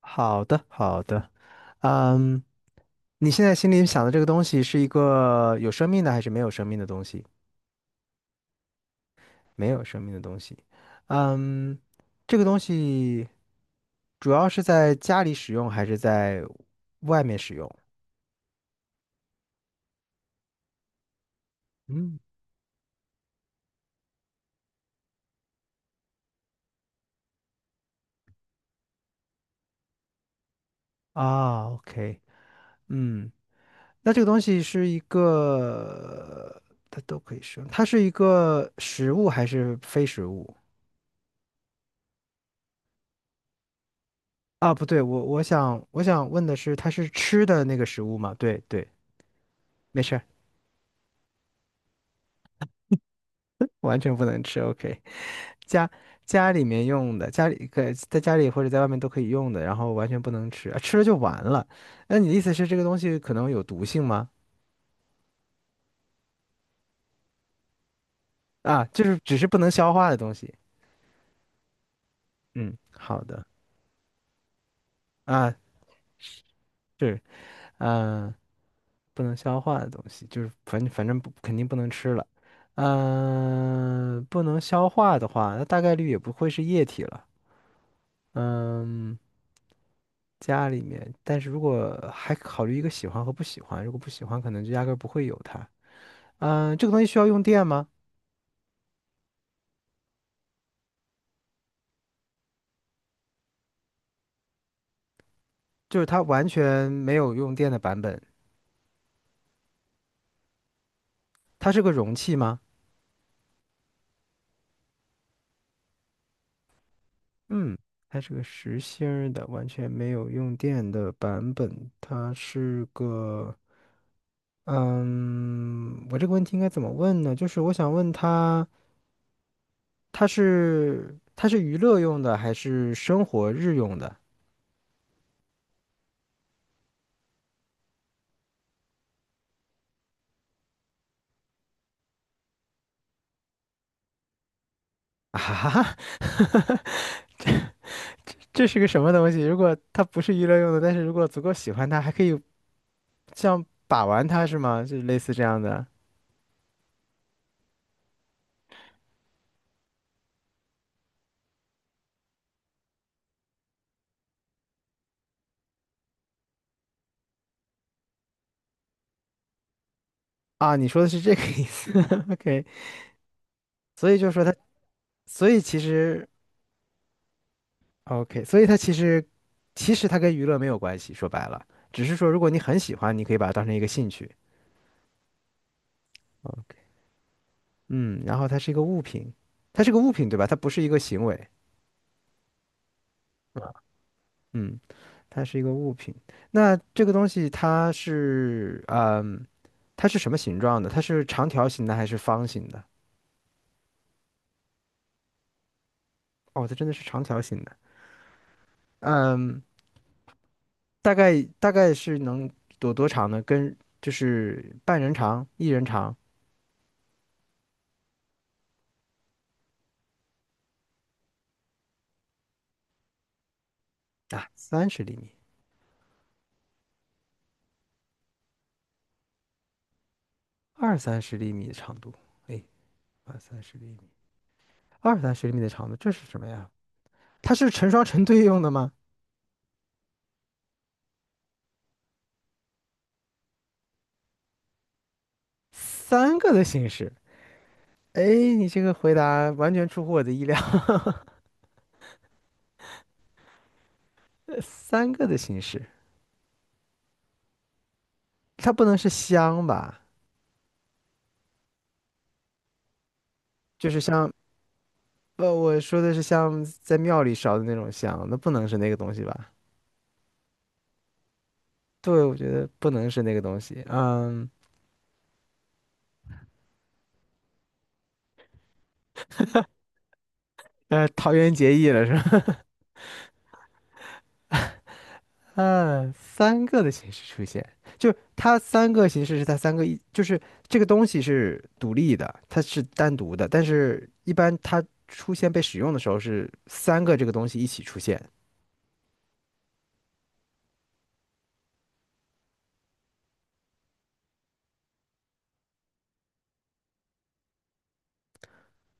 好的，好的。嗯，你现在心里想的这个东西是一个有生命的还是没有生命的东西？没有生命的东西。嗯，这个东西主要是在家里使用还是在外面使用？嗯，啊，OK。嗯，那这个东西是一个，它都可以使用，它是一个食物还是非食物？啊，不对，我想问的是，它是吃的那个食物吗？对对。没事儿，完全不能吃。OK，家家里面用的，家里可在家里或者在外面都可以用的，然后完全不能吃，啊，吃了就完了。那你的意思是这个东西可能有毒性吗？啊，就是只是不能消化的东西。嗯，好的。啊，是，嗯、不能消化的东西，就是反正不肯定不能吃了。不能消化的话，那大概率也不会是液体了。嗯、家里面，但是如果还考虑一个喜欢和不喜欢，如果不喜欢，可能就压根儿不会有它。嗯，这个东西需要用电吗？就是它完全没有用电的版本。它是个容器吗？嗯，它是个实心儿的，完全没有用电的版本。它是个，嗯，我这个问题应该怎么问呢？就是我想问它，它是娱乐用的还是生活日用的？啊哈哈，这是个什么东西？如果它不是娱乐用的，但是如果足够喜欢它，还可以像把玩它是吗？就类似这样的。啊？你说的是这个意思 ？OK，所以就说它，所以其实 OK，所以它其实其实它跟娱乐没有关系，说白了，只是说如果你很喜欢，你可以把它当成一个兴趣。嗯，然后它是一个物品，它是个物品对吧？它不是一个行为。嗯，它是一个物品。那这个东西它是嗯，它是什么形状的？它是长条形的还是方形的？哦，它真的是长条形的。嗯，大概是能多长呢？跟就是半人长、一人长。啊，三十厘米、二三十厘米的长度。哎，二三十厘米、二三十厘米的长度，这是什么呀？它是成双成对用的吗？三个的形式。哎，你这个回答完全出乎我的意料。三个的形式，它不能是香吧？就是像，呃，我说的是像在庙里烧的那种香，那不能是那个东西吧？对，我觉得不能是那个东西。嗯，呃，桃园结义了是吧？嗯，三个的形式出现，就它三个形式是它三个一，就是这个东西是独立的，它是单独的，但是一般它出现被使用的时候是三个这个东西一起出现，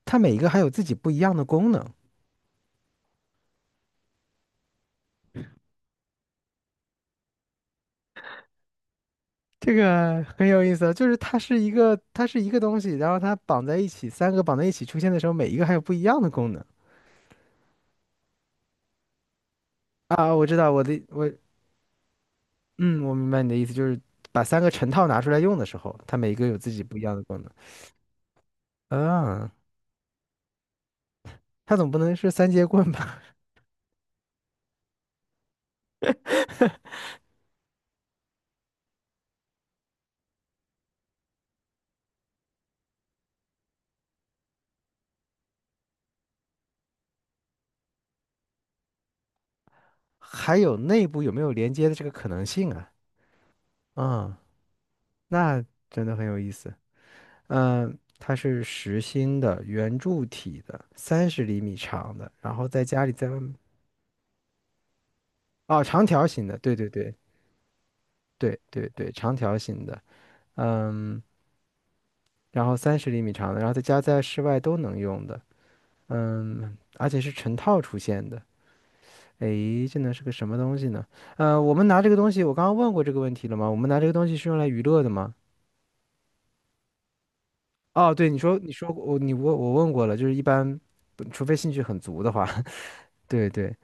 它每一个还有自己不一样的功能。这个很有意思啊就是它是一个它是一个东西，然后它绑在一起，三个绑在一起出现的时候，每一个还有不一样的功能。啊，我知道，我的嗯，我明白你的意思，就是把三个成套拿出来用的时候，它每一个有自己不一样的功能。嗯，它总不能是三节棍吧？还有内部有没有连接的这个可能性啊？嗯，那真的很有意思。嗯，它是实心的圆柱体的，三十厘米长的，然后在家里在外面。哦，长条形的，对对对。对对对，长条形的。嗯，然后三十厘米长的，然后在家在室外都能用的。嗯，而且是成套出现的。诶，这能是个什么东西呢？呃，我们拿这个东西，我刚刚问过这个问题了吗？我们拿这个东西是用来娱乐的吗？哦，对，你说我你问我问过了，就是一般不除非兴趣很足的话，对对。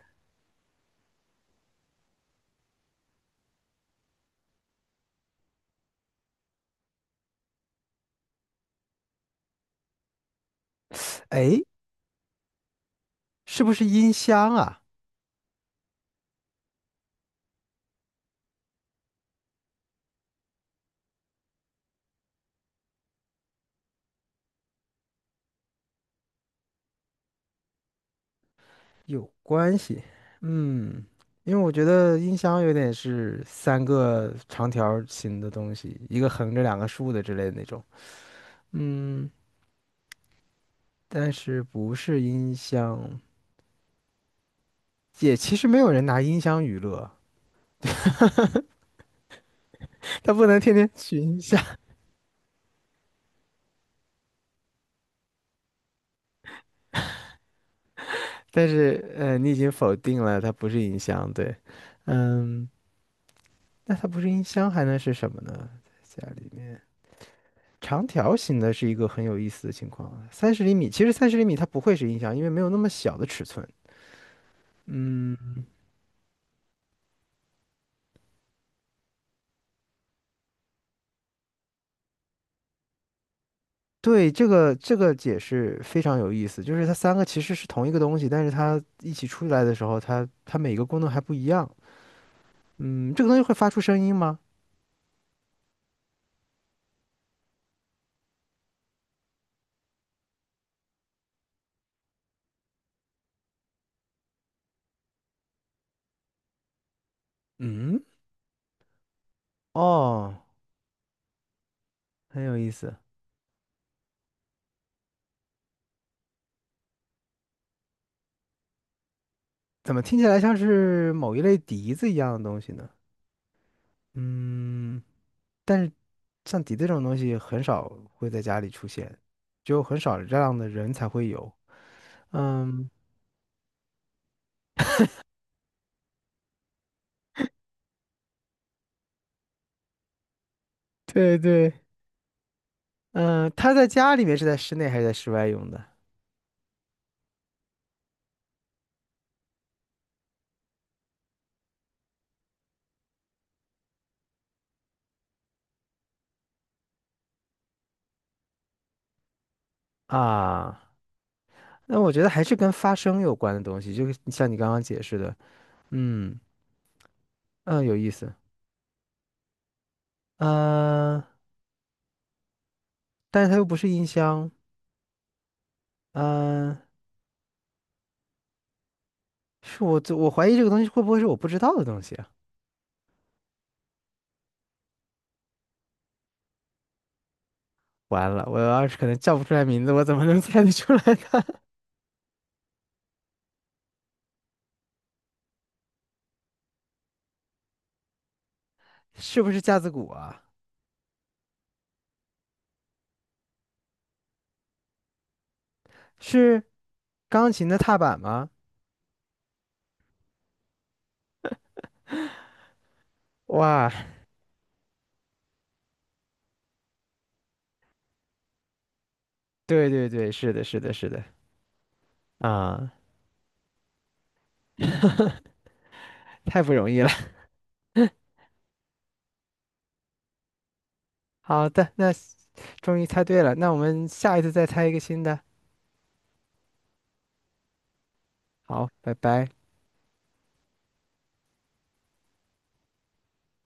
诶，是不是音箱啊？有关系。嗯，因为我觉得音箱有点是三个长条儿形的东西，一个横着两个竖的之类的那种。嗯，但是不是音箱，也其实没有人拿音箱娱乐，他不能天天取音箱。但是呃，你已经否定了它不是音箱，对。嗯，那它不是音箱还能是什么呢？在家里面，长条形的是一个很有意思的情况，三十厘米，其实三十厘米它不会是音箱，因为没有那么小的尺寸。嗯，对，这个这个解释非常有意思，就是它三个其实是同一个东西，但是它一起出来的时候，它它每个功能还不一样。嗯，这个东西会发出声音吗？嗯，哦，很有意思。怎么听起来像是某一类笛子一样的东西呢？嗯，但是像笛子这种东西很少会在家里出现，只有很少这样的人才会有。嗯，对对。嗯，他在家里面是在室内还是在室外用的啊？那我觉得还是跟发声有关的东西，就是像你刚刚解释的。嗯嗯，有意思。嗯，但是它又不是音箱。嗯，是我我怀疑这个东西会不会是我不知道的东西啊？完了，我要是可能叫不出来名字，我怎么能猜得出来呢？是不是架子鼓啊？是钢琴的踏板吗？哇，对对对，是的，是的，是的，啊，太不容易了。好的，那终于猜对了，那我们下一次再猜一个新的。好，拜拜。